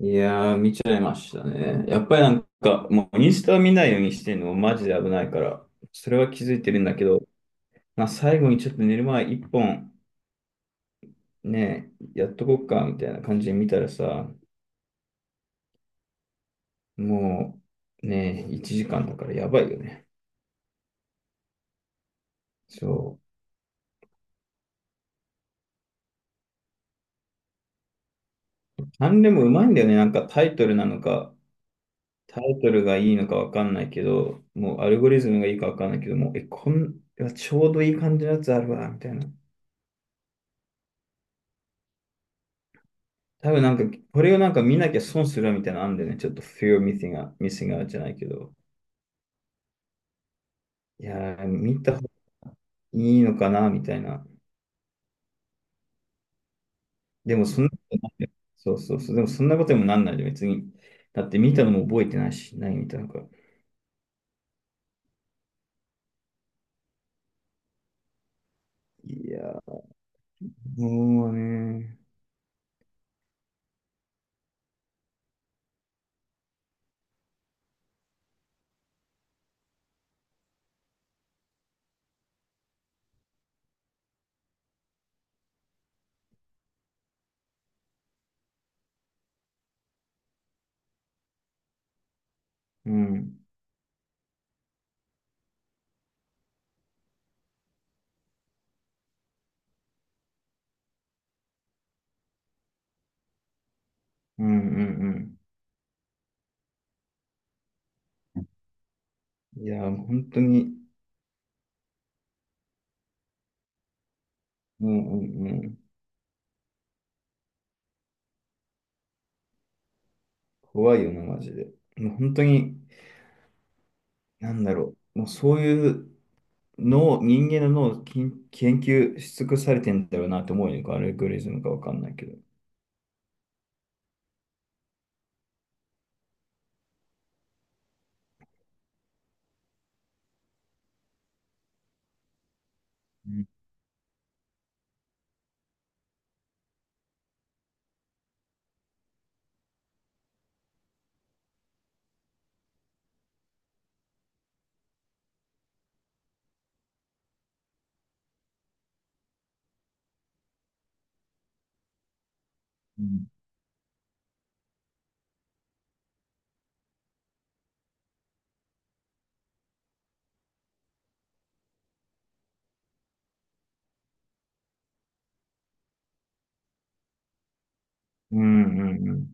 いやー、見ちゃいましたね。やっぱりなんか、もうインスタを見ないようにしてるのもマジで危ないから、それは気づいてるんだけど、まあ、最後にちょっと寝る前一本、ね、やっとこっか、みたいな感じで見たらさ、もう、ね、1時間だからやばいよね。そう。何でもうまいんだよね。なんかタイトルなのか、タイトルがいいのかわかんないけど、もうアルゴリズムがいいかわかんないけど、もう、え、こん、いやちょうどいい感じのやつあるわ、みたいな。多分なんか、これをなんか見なきゃ損するみたいなのあんでね、ちょっと fear of missing out, missing out じゃないけど、いやー、見た方がいいのかなみたいな。でもそんなことないよ、そうそうそう、でもそんなことにもなんないで、別に。だって見たのも覚えてないし、ないみたいなのか。いやー、もうね、うん、うんうんうん。いやー、本当に、うんうんうん。怖いよな、マジで。もう本当に、なんだろう。もうそういう、脳、人間の脳を研究し尽くされてんだろうなって思うよね。アルゴリズムかわかんないけど。うんうんうんうんうん。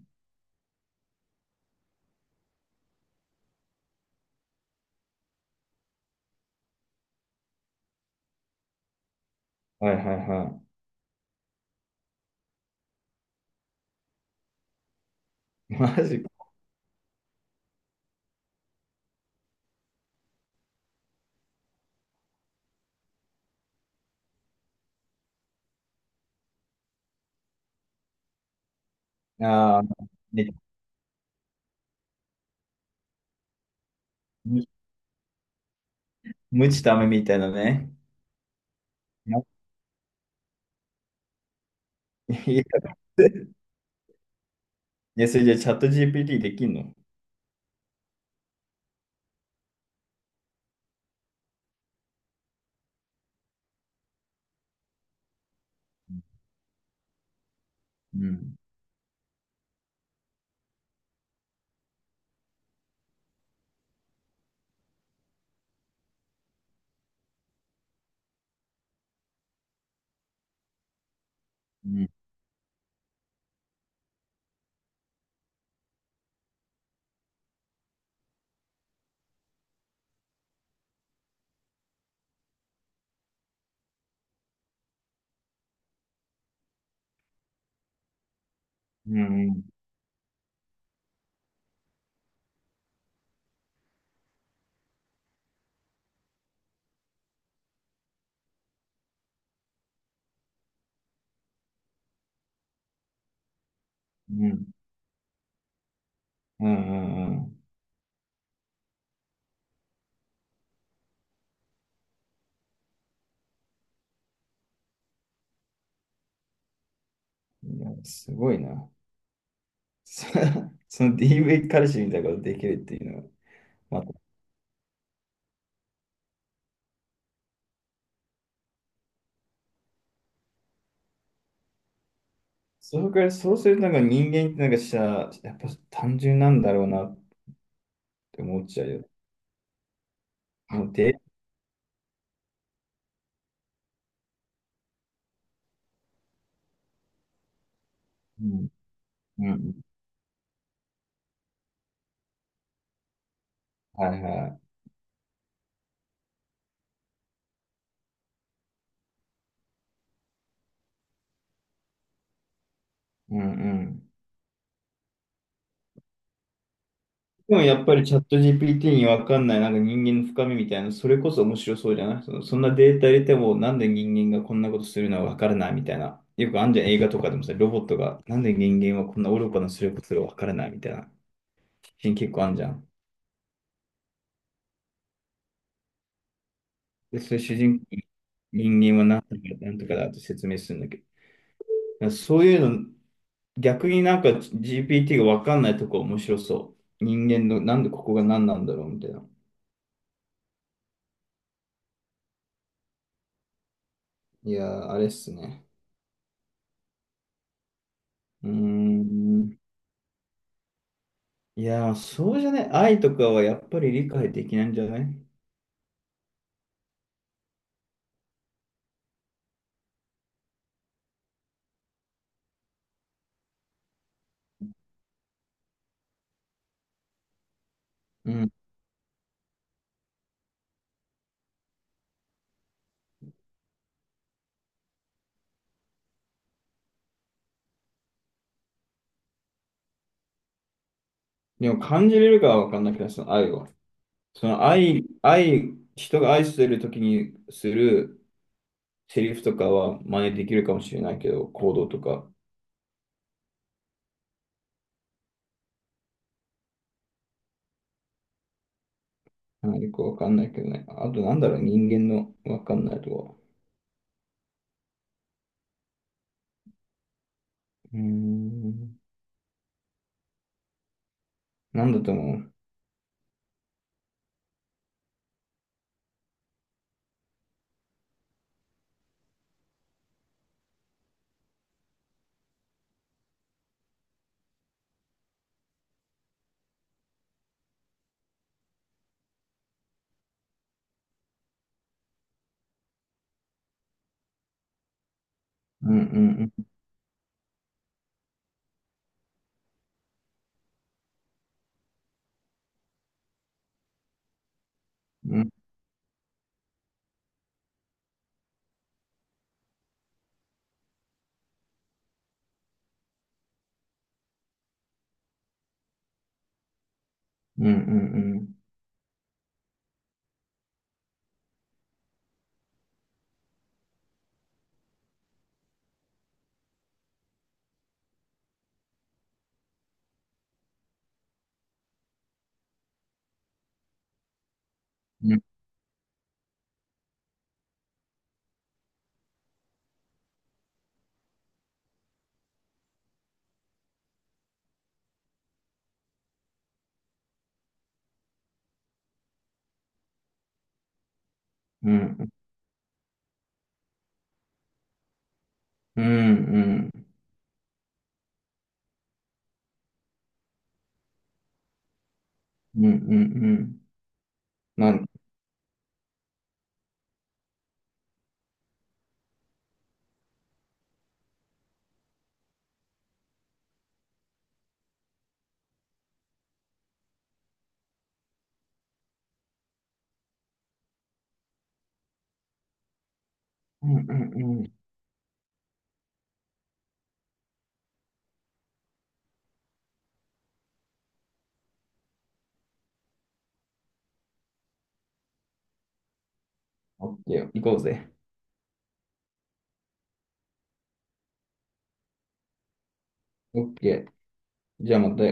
はいはいはい。マジか。ああ、ねむ無知ダめみたいなね。いや、いやそれじゃあチャット GPT できんの？うん、うん、うんうんうんうんうんうんいや、すごいな。そその DV 彼氏みたいなことできるっていうのは、そのくらい、そうするとなんか人間ってなんかさ、やっぱ単純なんだろうなって思っちゃうよ。もうで、うん、うん、はいはい。うんうん。でもやっぱりチャット GPT にわかんないなんか人間の深みみたいな、それこそ面白そうじゃない？その、そんなデータ入れてもなんで人間がこんなことするのはわからないみたいな。よくあんじゃん映画とかでもさ、ロボットがなんで人間はこんな愚かなすることがわからないみたいな。シーン結構あんじゃん。で、それ主人公に人間はなんとかなんとかだと説明するんだけど、そういうの、逆になんか GPT がわかんないとこ面白そう。人間の、なんでここが何なんだろうみたいな。いやー、あれっすね。うーん。いやー、そうじゃない？愛とかはやっぱり理解できないんじゃない？うん。でも感じれるかはわかんないけど、その愛を。その愛、人が愛してる時にするセリフとかは真似できるかもしれないけど、行動とか、なんかよくわかんないけどね。あとなんだろう、人間のわかんないとこ。うーん。なんだと思う？うんうんうんうんうんうんうんうんうんうんうんうんうんうんなんうんうんうんオッケー行こうぜオッケーじゃあまた